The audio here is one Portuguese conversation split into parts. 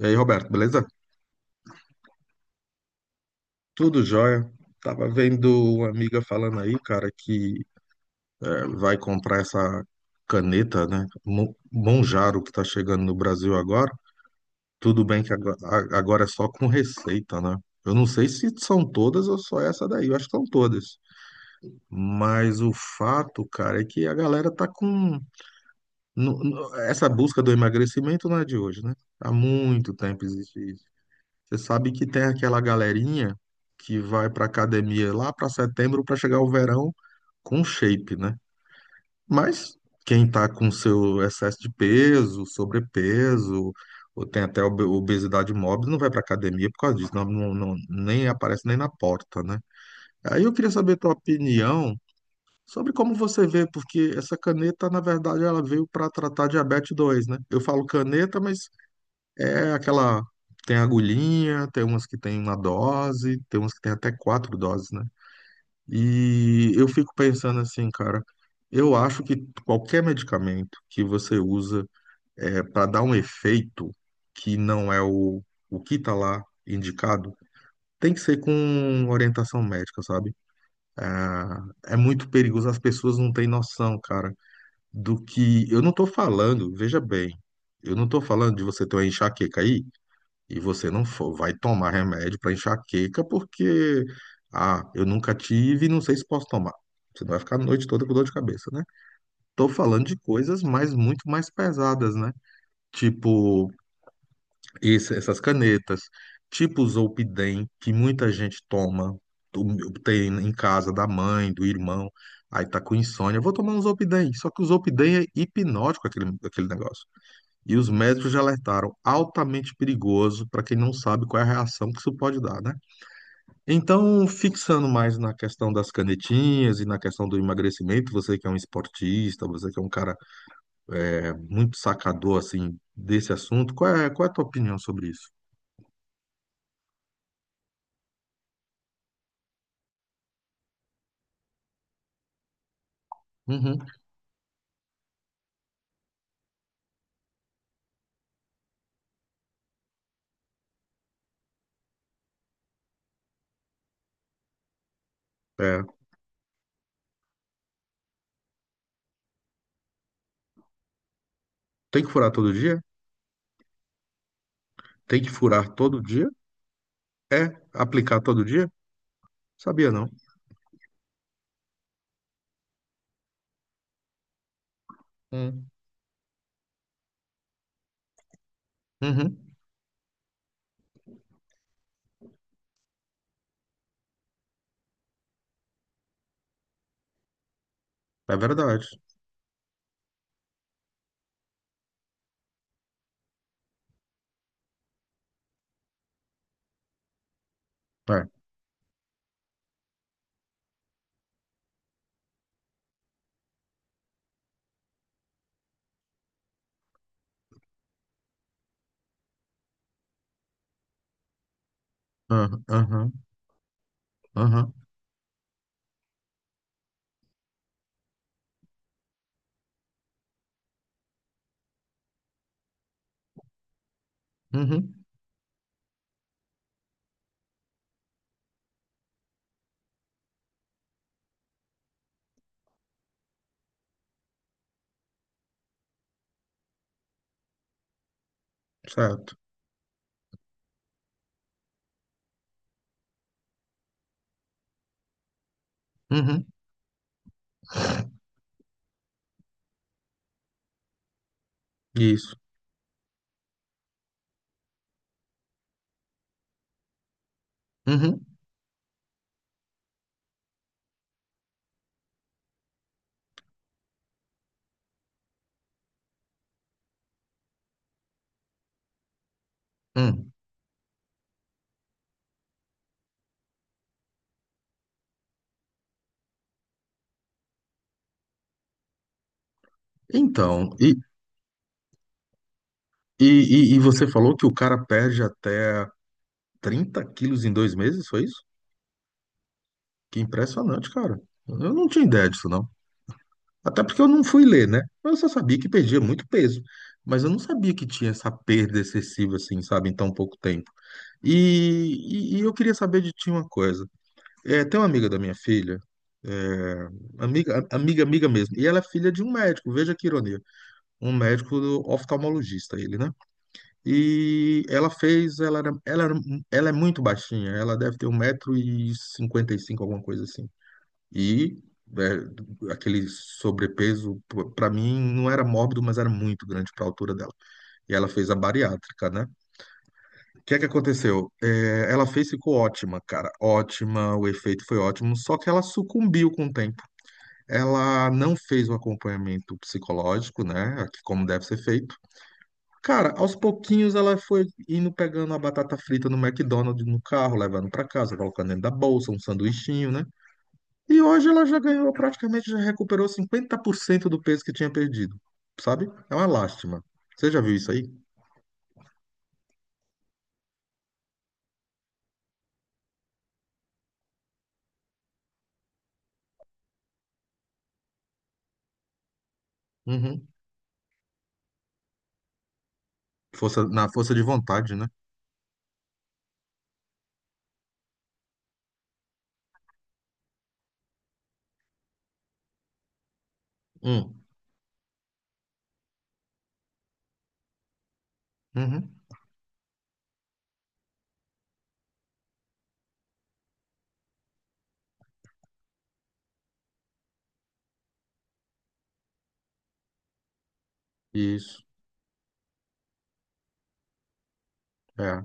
E aí, Roberto, beleza? Tudo jóia. Tava vendo uma amiga falando aí, cara, que vai comprar essa caneta, né? Monjaro, que tá chegando no Brasil agora. Tudo bem que agora agora é só com receita, né? Eu não sei se são todas ou só essa daí. Eu acho que são todas. Mas o fato, cara, é que a galera tá com. Essa busca do emagrecimento não é de hoje, né? Há muito tempo existe isso. Você sabe que tem aquela galerinha que vai pra academia lá pra setembro pra chegar o verão com shape, né? Mas quem tá com seu excesso de peso, sobrepeso, ou tem até obesidade mórbis, não vai pra academia por causa disso, nem aparece nem na porta, né? Aí eu queria saber a tua opinião sobre como você vê, porque essa caneta, na verdade, ela veio para tratar diabetes 2, né? Eu falo caneta, mas é aquela. Tem agulhinha, tem umas que tem uma dose, tem umas que tem até 4 doses, né? E eu fico pensando assim, cara, eu acho que qualquer medicamento que você usa para dar um efeito que não é o que tá lá indicado, tem que ser com orientação médica, sabe? Ah, é, muito perigoso, as pessoas não têm noção, cara, do que. Eu não tô falando, veja bem, eu não tô falando de você ter uma enxaqueca aí e você não vai tomar remédio para enxaqueca porque, ah, eu nunca tive e não sei se posso tomar. Você não vai ficar a noite toda com dor de cabeça, né? Tô falando de coisas mais muito mais pesadas, né? Tipo essas canetas, tipo o Zolpidem, que muita gente toma, tem em casa da mãe, do irmão, aí tá com insônia, vou tomar um Zolpidem. Só que o Zolpidem é hipnótico aquele negócio. E os médicos já alertaram altamente perigoso para quem não sabe qual é a reação que isso pode dar, né? Então, fixando mais na questão das canetinhas e na questão do emagrecimento, você que é um esportista, você que é um cara muito sacador assim desse assunto, qual é a tua opinião sobre isso? Uhum. É, tem que furar todo dia? Tem que furar todo dia? É, aplicar todo dia? Sabia não. Hum. Uhum. É verdade. É. Aham, aham, aham. Uhum. Certo. Uhum. Isso. Uhum. Hum. Então, e, e você falou que o cara perde até 30 quilos em 2 meses, foi isso? Que impressionante, cara. Eu não tinha ideia disso, não. Até porque eu não fui ler, né? Eu só sabia que perdia muito peso. Mas eu não sabia que tinha essa perda excessiva, assim, sabe, em tão pouco tempo. E, e eu queria saber de ti uma coisa. É, tem uma amiga da minha filha, amiga, amiga, amiga mesmo, e ela é filha de um médico, veja que ironia, um médico oftalmologista, ele, né? E ela fez, ela, era- ela, era- ela é muito baixinha, ela deve ter 1,55 m, alguma coisa assim. E aquele sobrepeso, para mim, não era mórbido, mas era muito grande para a altura dela. E ela fez a bariátrica, né? O que é que aconteceu? É, ela fez, ficou ótima, cara, ótima, o efeito foi ótimo, só que ela sucumbiu com o tempo. Ela não fez o acompanhamento psicológico, né? Que como deve ser feito. Cara, aos pouquinhos ela foi indo pegando a batata frita no McDonald's no carro, levando pra casa, colocando dentro da bolsa, um sanduichinho, né? E hoje ela já ganhou, praticamente já recuperou 50% do peso que tinha perdido, sabe? É uma lástima. Você já viu isso aí? Uhum. Força, na força de vontade, né? Hum. Uhum. Isso. É,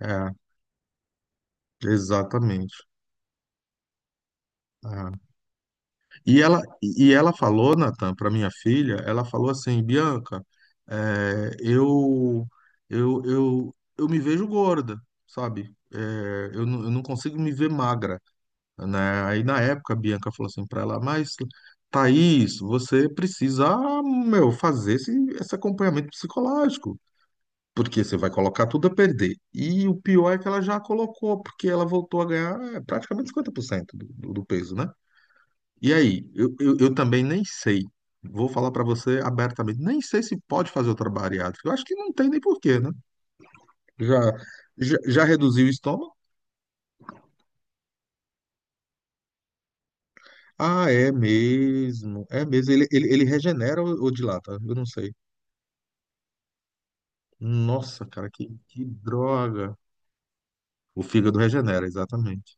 é, exatamente. É. E ela falou, Natan, para minha filha, ela falou assim, Bianca, é, eu, eu me vejo gorda, sabe? Eu não consigo me ver magra, né? Aí na época a Bianca falou assim para ela, mas Thaís, você precisa, meu, fazer esse acompanhamento psicológico, porque você vai colocar tudo a perder. E o pior é que ela já colocou, porque ela voltou a ganhar praticamente 50% do peso, né? E aí, eu também nem sei. Vou falar para você abertamente, nem sei se pode fazer outra bariátrica. Eu acho que não tem nem porquê, né? Já, já reduziu o estômago? Ah, é mesmo. É mesmo. Ele regenera ou dilata? Eu não sei. Nossa, cara, que droga. O fígado regenera, exatamente.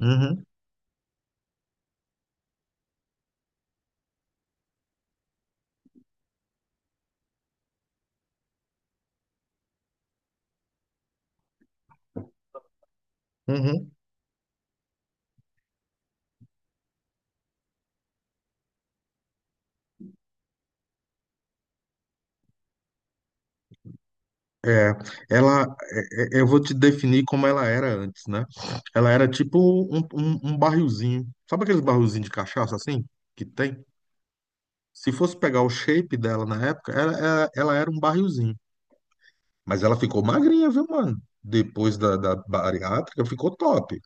Uhum, uhum. É, ela, eu vou te definir como ela era antes, né? Ela era tipo um barrilzinho. Sabe aqueles barrilzinhos de cachaça assim? Que tem? Se fosse pegar o shape dela na época, ela era um barrilzinho. Mas ela ficou magrinha, viu, mano? Depois da bariátrica, ficou top.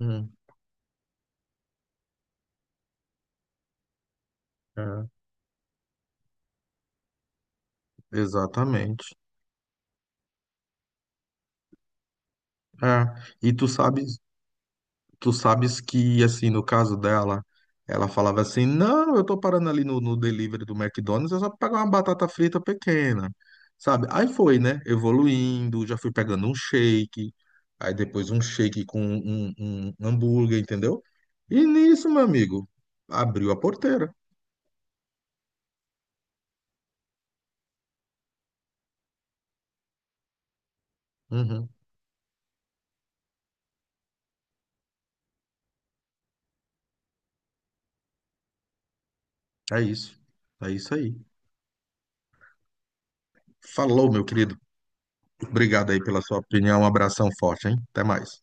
Hum, é, exatamente. É. E tu sabe. Tu sabes que, assim, no caso dela, ela falava assim: não, eu tô parando ali no delivery do McDonald's, eu só pegar uma batata frita pequena, sabe? Aí foi, né? Evoluindo, já fui pegando um shake, aí depois um shake com um hambúrguer, entendeu? E nisso, meu amigo, abriu a porteira. Uhum, é isso. É isso aí. Falou, meu querido. Obrigado aí pela sua opinião. Um abração forte, hein? Até mais.